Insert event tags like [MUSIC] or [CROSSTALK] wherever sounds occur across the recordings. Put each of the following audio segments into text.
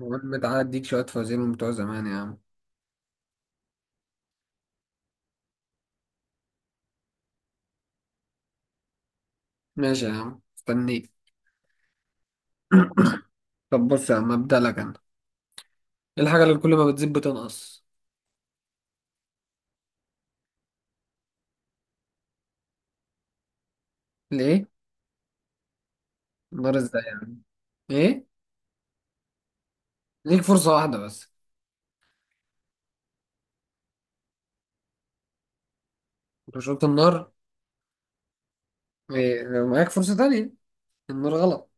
بقول بتعدي اديك شوية فوازير من بتوع زمان يا عم. ماشي يا عم، استنيك. [COUGHS] طب بص يا عم، ابدأ لك انا. ايه الحاجة اللي كل ما بتزيد بتنقص؟ ليه؟ النار ازاي يعني؟ ايه؟ ليك فرصة واحدة بس. انت شربت النار؟ إيه؟ لو معاك فرصة تانية. النار غلط.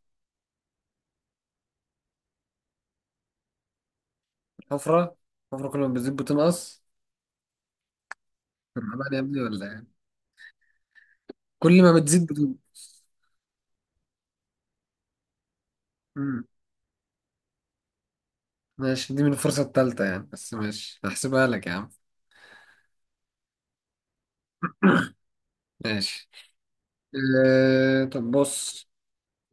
الحفرة. الحفرة كل ما بتزيد بتنقص. طب عمال يا ابني ولا يعني؟ كل ما بتزيد بتنقص. امم. ماشي، دي من الفرصة التالتة يعني، بس ماشي هحسبها لك يا عم. ماشي. إيه؟ طب بص.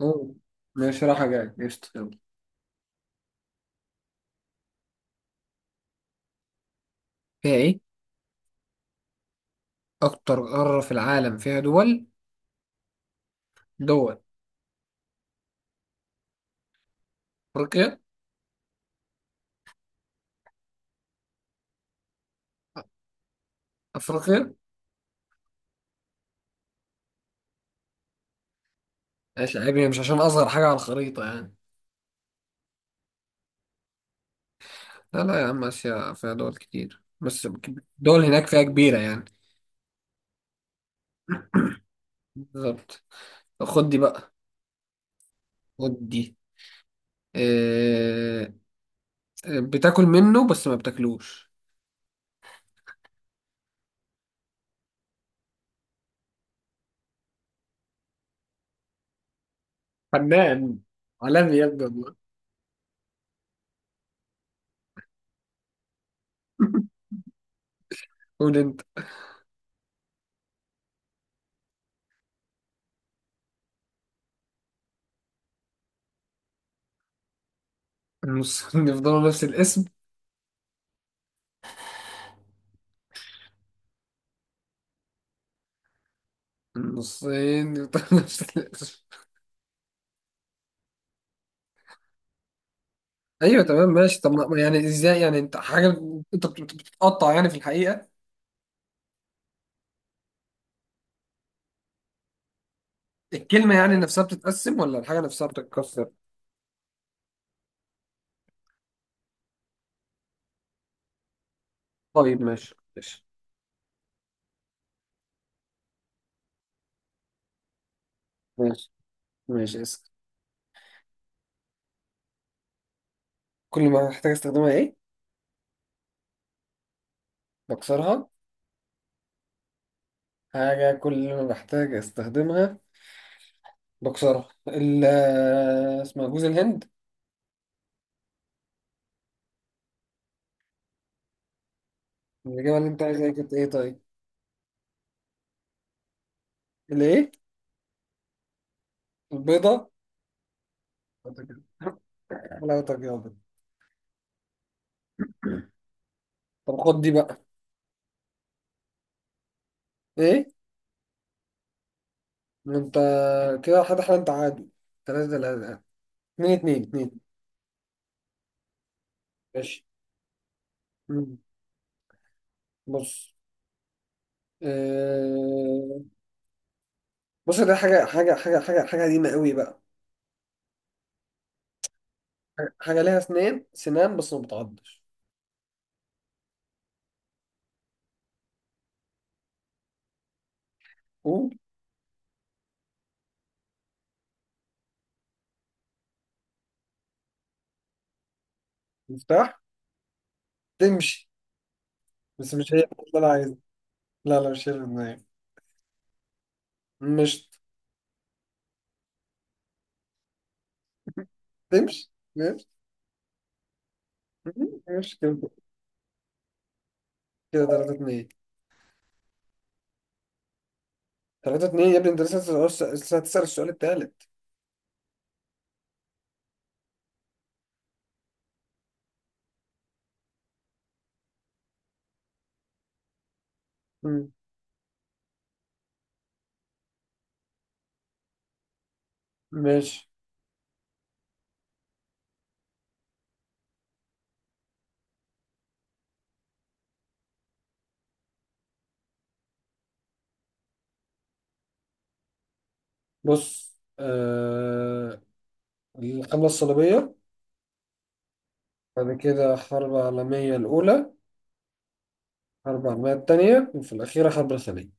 أوه. ماشي رايحة جاية، قشطة يلا. فيها ايه؟ اكتر قاره في العالم فيها دول. دول. افريقيا. افريقيا. ايش عيبني؟ مش عشان اصغر حاجه على الخريطه يعني. لا لا يا عم، اسيا فيها دول كتير بس. دول هناك فيها كبيره يعني. بالظبط. طب خد دي بقى. خد دي. إيه... بتاكل منه بس ما بتاكلوش. فنان عالمي يا ابني والله. [LAUGHS] قول انت. النصين يفضلوا نفس الاسم. النصين يفضلوا [LAUGHS] نفس الاسم. ايوه تمام ماشي. طب يعني ازاي يعني؟ انت حاجه، انت بتتقطع يعني في الحقيقه؟ الكلمه يعني نفسها بتتقسم ولا الحاجه نفسها بتتكسر؟ طيب ماشي ماشي. ماشي ماشي اسأل. كل ما بحتاج استخدمها ايه؟ بكسرها. حاجه كل ما بحتاج استخدمها بكسرها. آه، اسمها جوز الهند. الاجابه اللي انت عايزها إيه؟ كانت ايه طيب؟ الايه؟ البيضه؟ حلاوتك يابا. طب خد دي بقى. ايه؟ ما انت كده حد حد انت عادي. ثلاثة ثلاثة. اتنين اتنين اتنين. ماشي. مم. بص. آه... بص، ده حاجة قديمة قوي بقى. حاجة ليها سنان سنان بس ما بتعضش. قول. مفتاح. تمشي. بس مش هي اللي أنا عايزها. لا لا، مش هي اللي في دماغي. مش تمشي ماشي. مم. ماشي كده. كده تلاتة اتنين. تلاتة اتنين يا ابني، انت لسه هتسأل السؤال، التالت. مم. ماشي بص. الحملة الصليبية. بعد كده الحرب العالمية الأولى. أربع مية التانية. وفي الأخيرة حرب الخليج.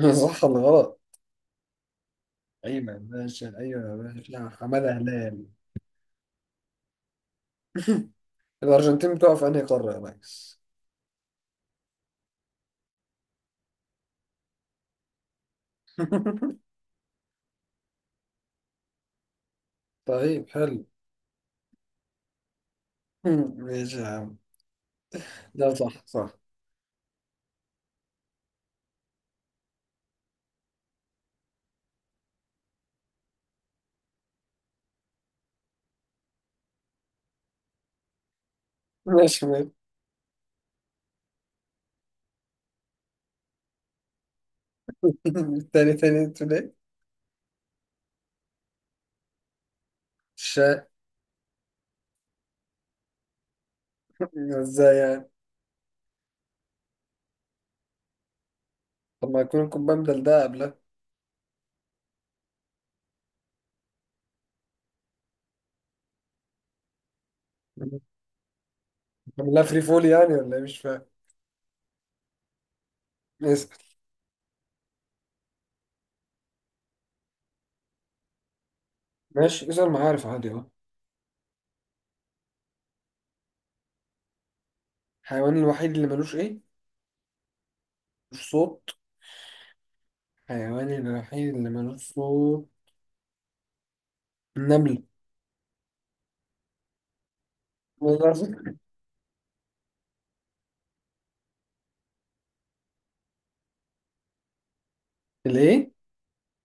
[LAUGHS] صح ولا غلط؟ أيوة يا باشا، أيوة يا باشا، لا، حمادة هلال. [LAUGHS] الأرجنتين بتقع في أنهي قارة يا ريس؟ [LAUGHS] طيب حلو. [LAUGHS] ماشي يا عم. ده صح صح. ماشي ماشي. [LAUGHS] تاني تاني انتوا ليه؟ الشاي. ازاي يعني؟ طب ما يكون الكوباية ده قبلها. عاملها فري فول يعني ولا ايه؟ مش فاهم. اسأل. ماشي اسأل معارف عادي اهو. الحيوان الوحيد اللي ملوش ايه؟ ملوش صوت. الحيوان الوحيد اللي ملوش صوت. النمل. الايه؟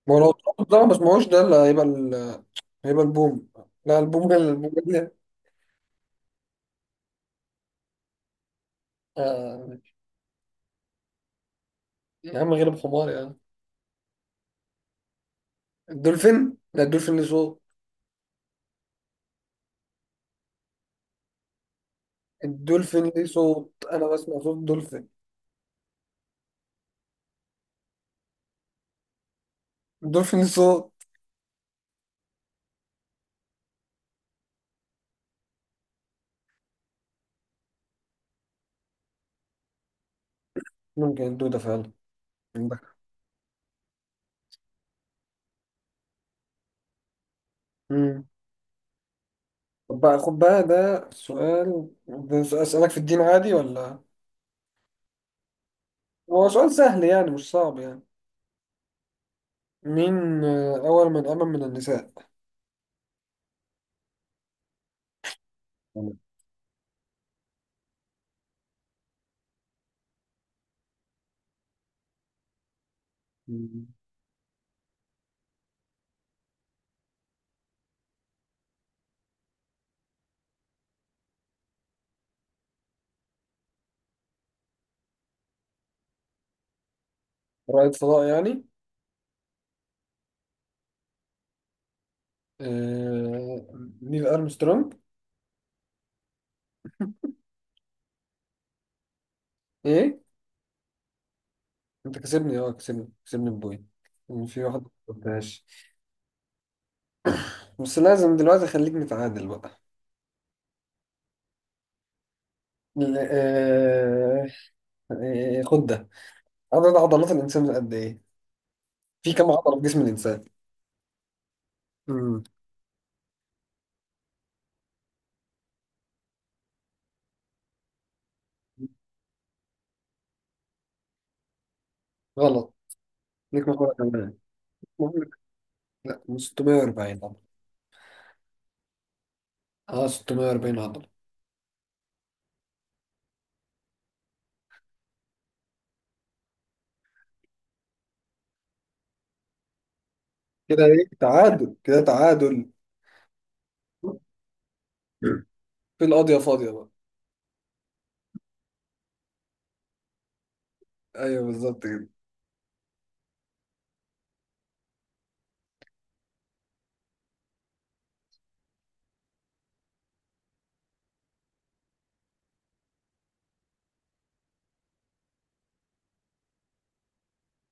ما هو لو الطاووس ده ما بسمعوش، ده اللي هيبقى هيبقى البوم. لا، البوم ده. آه. يا عم غير بحمار يا عم. لا الدولفين ليه صوت. الدولفين ليه صوت، انا بسمع صوت الدولفين. الدولفين ليه صوت. ممكن الدودة فعلا. عندك. مم. طب بقى خد بقى، ده سؤال اسألك في الدين عادي ولا؟ هو سؤال سهل يعني، مش صعب يعني. مين أول من آمن من النساء؟ مم. رائد فضاء يعني. آه... نيل ارمسترونج. ايه؟ انت كسبني، اه، كسبني بوي. في واحد ما قلتهاش. بس لازم دلوقتي خليك نتعادل بقى. ل- آه... خد ده. عدد عضلات الانسان قد ايه؟ في كم عضله في جسم الانسان؟ امم غلط. ليك مره كمان. ممكن- لا، 640 عضله. اه، 640 عضله. كده ايه؟ تعادل، كده تعادل. في القاضية فاضية بقى. ايوه بالظبط كده.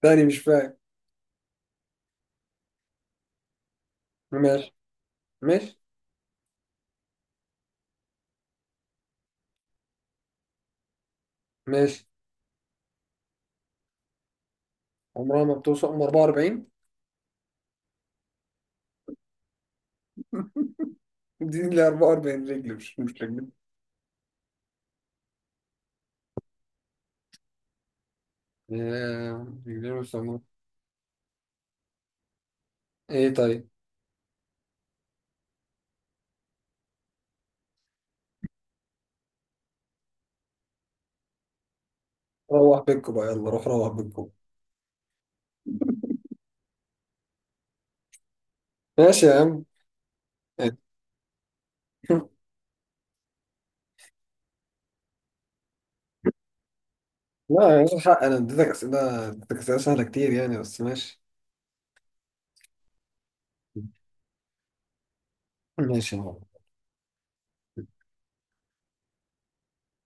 تاني مش فاهم. ماشي ماشي ماشي. عمرها ما بتوصل. عمر 44. [LAUGHS] دي ل 44 رجل، مش رجل. آه، رجلين وسمو. ايه طيب. روح بيتكم بقى، يلا روح روح بيتكم. ماشي يا عم. [LAUGHS] لا يا حق، انا اديتك اسئله، سهله كتير يعني، بس ماشي. ماشي يا عم.